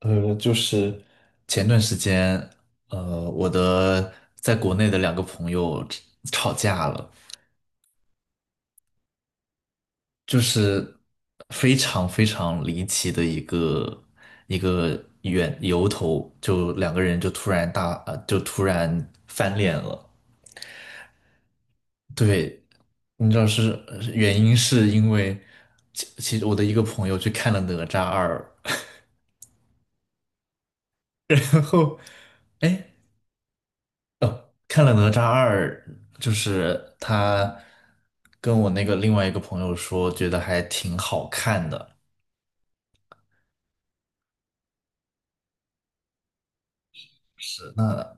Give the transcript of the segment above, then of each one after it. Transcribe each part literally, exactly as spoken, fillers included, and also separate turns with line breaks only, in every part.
呃，就是前段时间，呃，我的在国内的两个朋友吵架了。就是非常非常离奇的一个一个缘由头，就两个人就突然大，呃，就突然翻脸了。对。你知道是呃原因是因为其其实我的一个朋友去看了《哪吒二》。然后，哎。看了《哪吒二》，就是他跟我那个另外一个朋友说，觉得还挺好看的。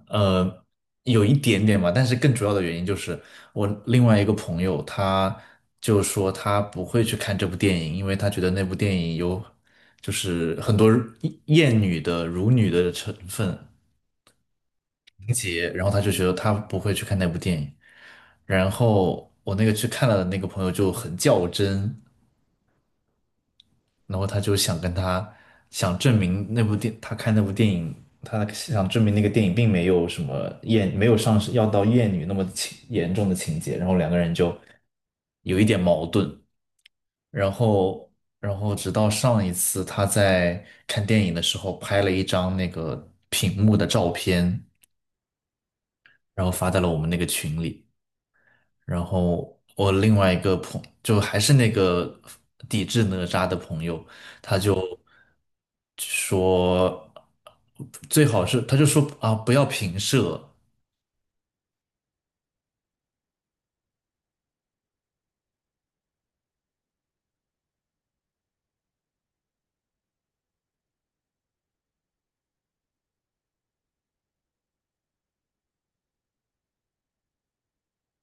呃，有一点点吧，但是更主要的原因就是我另外一个朋友他就说他不会去看这部电影，因为他觉得那部电影有就是很多厌女的、辱女的成分情节，然后他就觉得他不会去看那部电影。然后我那个去看了的那个朋友就很较真。然后他就想跟他想证明那部电，他看那部电影，他想证明那个电影并没有什么厌，没有上升要到厌女那么情严重的情节，然后两个人就有一点矛盾。然后然后直到上一次他在看电影的时候拍了一张那个屏幕的照片，然后发在了我们那个群里。然后我另外一个朋就还是那个抵制哪吒的朋友，他就说最好是他就说啊不要平射。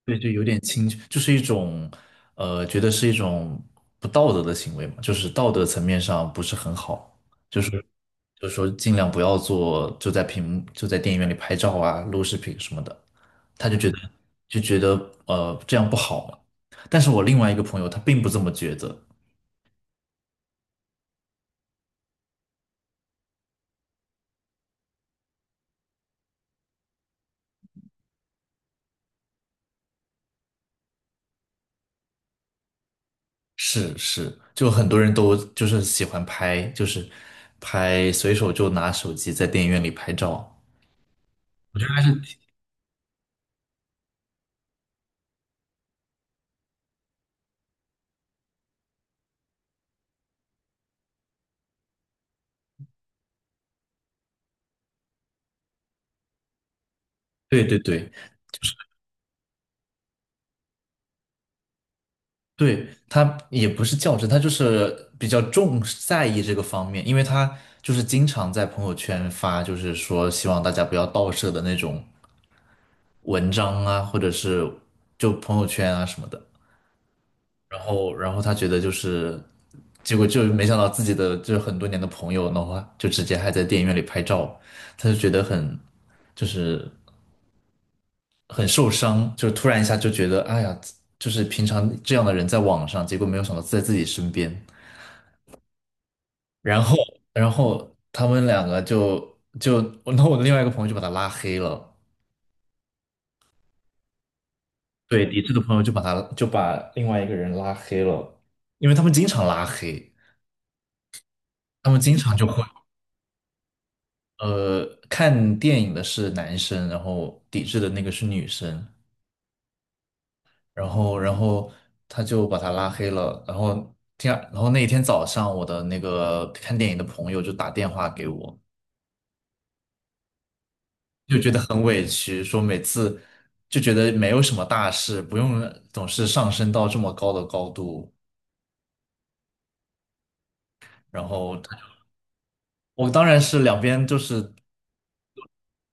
对，就有点轻，就是一种，呃，觉得是一种不道德的行为嘛，就是道德层面上不是很好，就是就是说尽量不要做，就在屏幕就在电影院里拍照啊、录视频什么的。他就觉得就觉得呃这样不好嘛。但是我另外一个朋友他并不这么觉得。是是，就很多人都就是喜欢拍，就是拍随手就拿手机在电影院里拍照。对对对。对，他也不是较真，他就是比较重视在意这个方面，因为他就是经常在朋友圈发，就是说希望大家不要盗摄的那种文章啊，或者是就朋友圈啊什么的。然后，然后他觉得就是，结果就没想到自己的就是很多年的朋友的话，就直接还在电影院里拍照。他就觉得很就是很受伤。就突然一下就觉得，哎呀，就是平常这样的人在网上，结果没有想到在自己身边。然后然后他们两个就就然后我的另外一个朋友就把他拉黑了。对，抵制的朋友就把他就把另外一个人拉黑了，因为他们经常拉黑。他们经常就会呃看电影的是男生，然后抵制的那个是女生。然后然后他就把他拉黑了。然后第二然后那一天早上我的那个看电影的朋友就打电话给我。就觉得很委屈，说每次就觉得没有什么大事，不用总是上升到这么高的高度。然后他就我当然是两边就是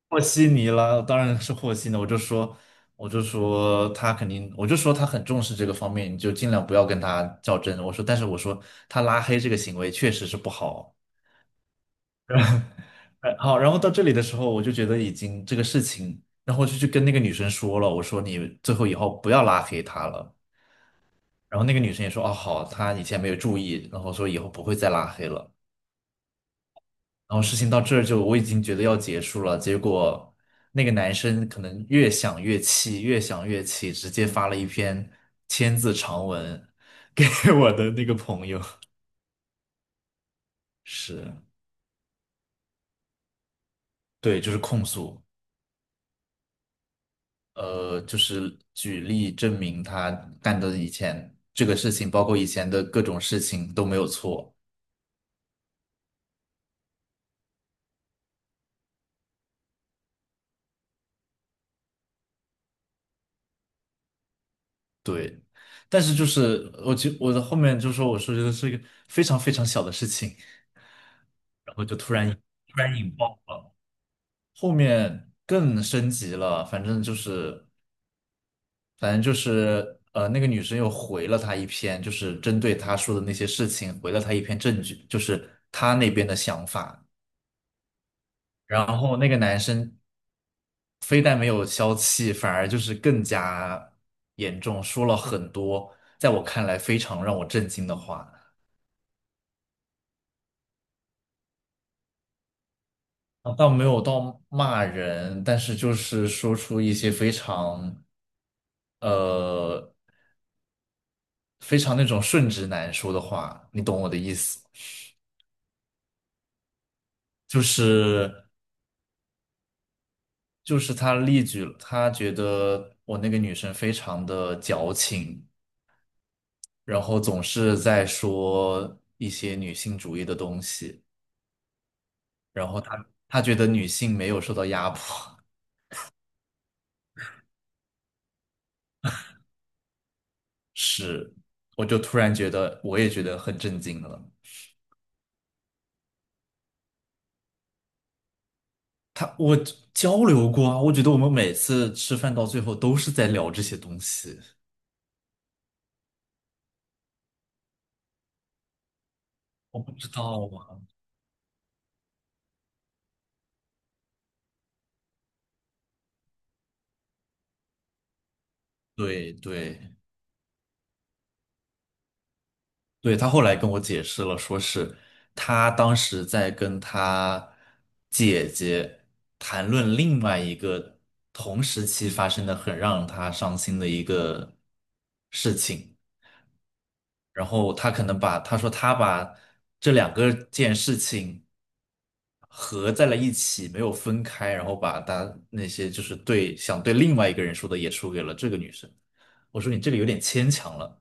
和稀泥了，当然是和稀泥。我就说，我就说他肯定，我就说他很重视这个方面，你就尽量不要跟他较真。我说，但是我说他拉黑这个行为确实是不好。哎，好，然后到这里的时候，我就觉得已经这个事情，然后就去跟那个女生说了。我说你最后以后不要拉黑他了。然后那个女生也说，哦，好，她以前没有注意，然后说以后不会再拉黑了。然后事情到这儿就我已经觉得要结束了，结果那个男生可能越想越气，越想越气，直接发了一篇千字长文给 我的那个朋友。是。对，就是控诉。呃，就是举例证明他干的以前这个事情，包括以前的各种事情都没有错。对，但是就是我觉我的后面就说我说觉得是一个非常非常小的事情。然后就突然突然引爆了。后面更升级了。反正就是反正就是呃那个女生又回了他一篇，就是针对他说的那些事情回了他一篇证据，就是他那边的想法。然后那个男生非但没有消气，反而就是更加严重，说了很多在我看来非常让我震惊的话。啊，倒没有到骂人，但是就是说出一些非常呃非常那种顺直男说的话，你懂我的意思吗？就是就是他例举了，他觉得我那个女生非常的矫情，然后总是在说一些女性主义的东西，然后他他觉得女性没有受到压迫。是，我就突然觉得我也觉得很震惊了。他我交流过啊，我觉得我们每次吃饭到最后都是在聊这些东西。我不知道啊。对对对。他后来跟我解释了，说是他当时在跟他姐姐谈论另外一个同时期发生的很让他伤心的一个事情。然后他可能把他说他把这两个件事情合在了一起，没有分开，然后把他那些就是对想对另外一个人说的也说给了这个女生。我说你这个有点牵强了。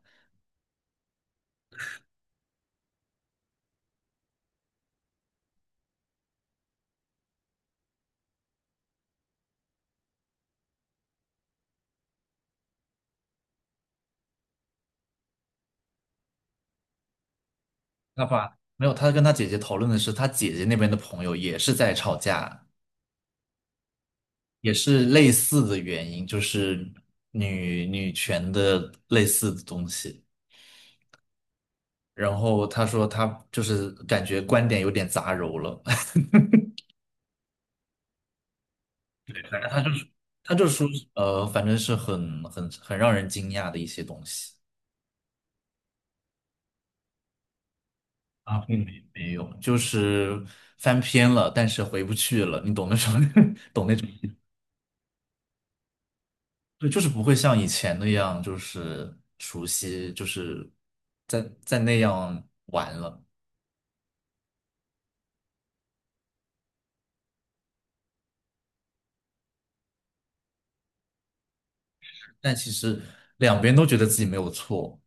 他把没有，他跟他姐姐讨论的是他姐姐那边的朋友也是在吵架，也是类似的原因，就是女女权的类似的东西。然后他说他就是感觉观点有点杂糅了。他这说，呃，反正是很很很让人惊讶的一些东西。啊，并没没有，就是翻篇了，但是回不去了，你懂那种，懂那种。对，就是不会像以前那样，就是熟悉，就是在在那样。但其实两边都觉得自己没有错。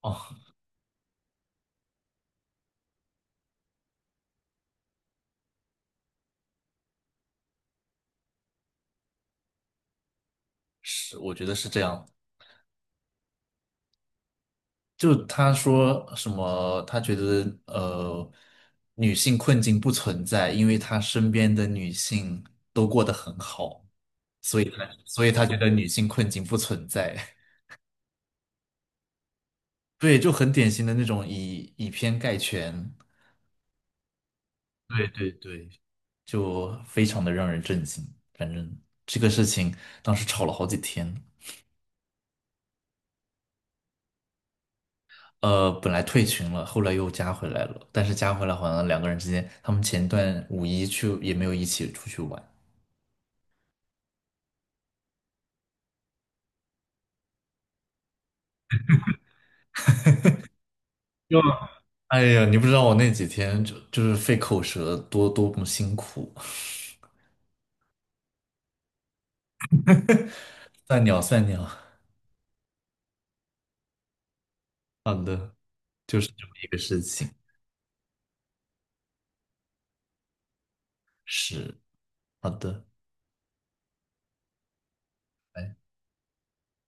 哦，是，我觉得是这样。就他说什么，他觉得呃，女性困境不存在，因为他身边的女性都过得很好。所以他所以他觉得女性困境不存在。对，就很典型的那种以以偏概全。对对对。就非常的让人震惊。反正这个事情当时吵了好几天。呃，本来退群了，后来又加回来了，但是加回来好像两个人之间，他们前段五一去也没有一起出去玩。就哎呀，你不知道我那几天就就是费口舌多多么辛苦。算鸟算鸟。好的，就是这么一个事情。是。好的。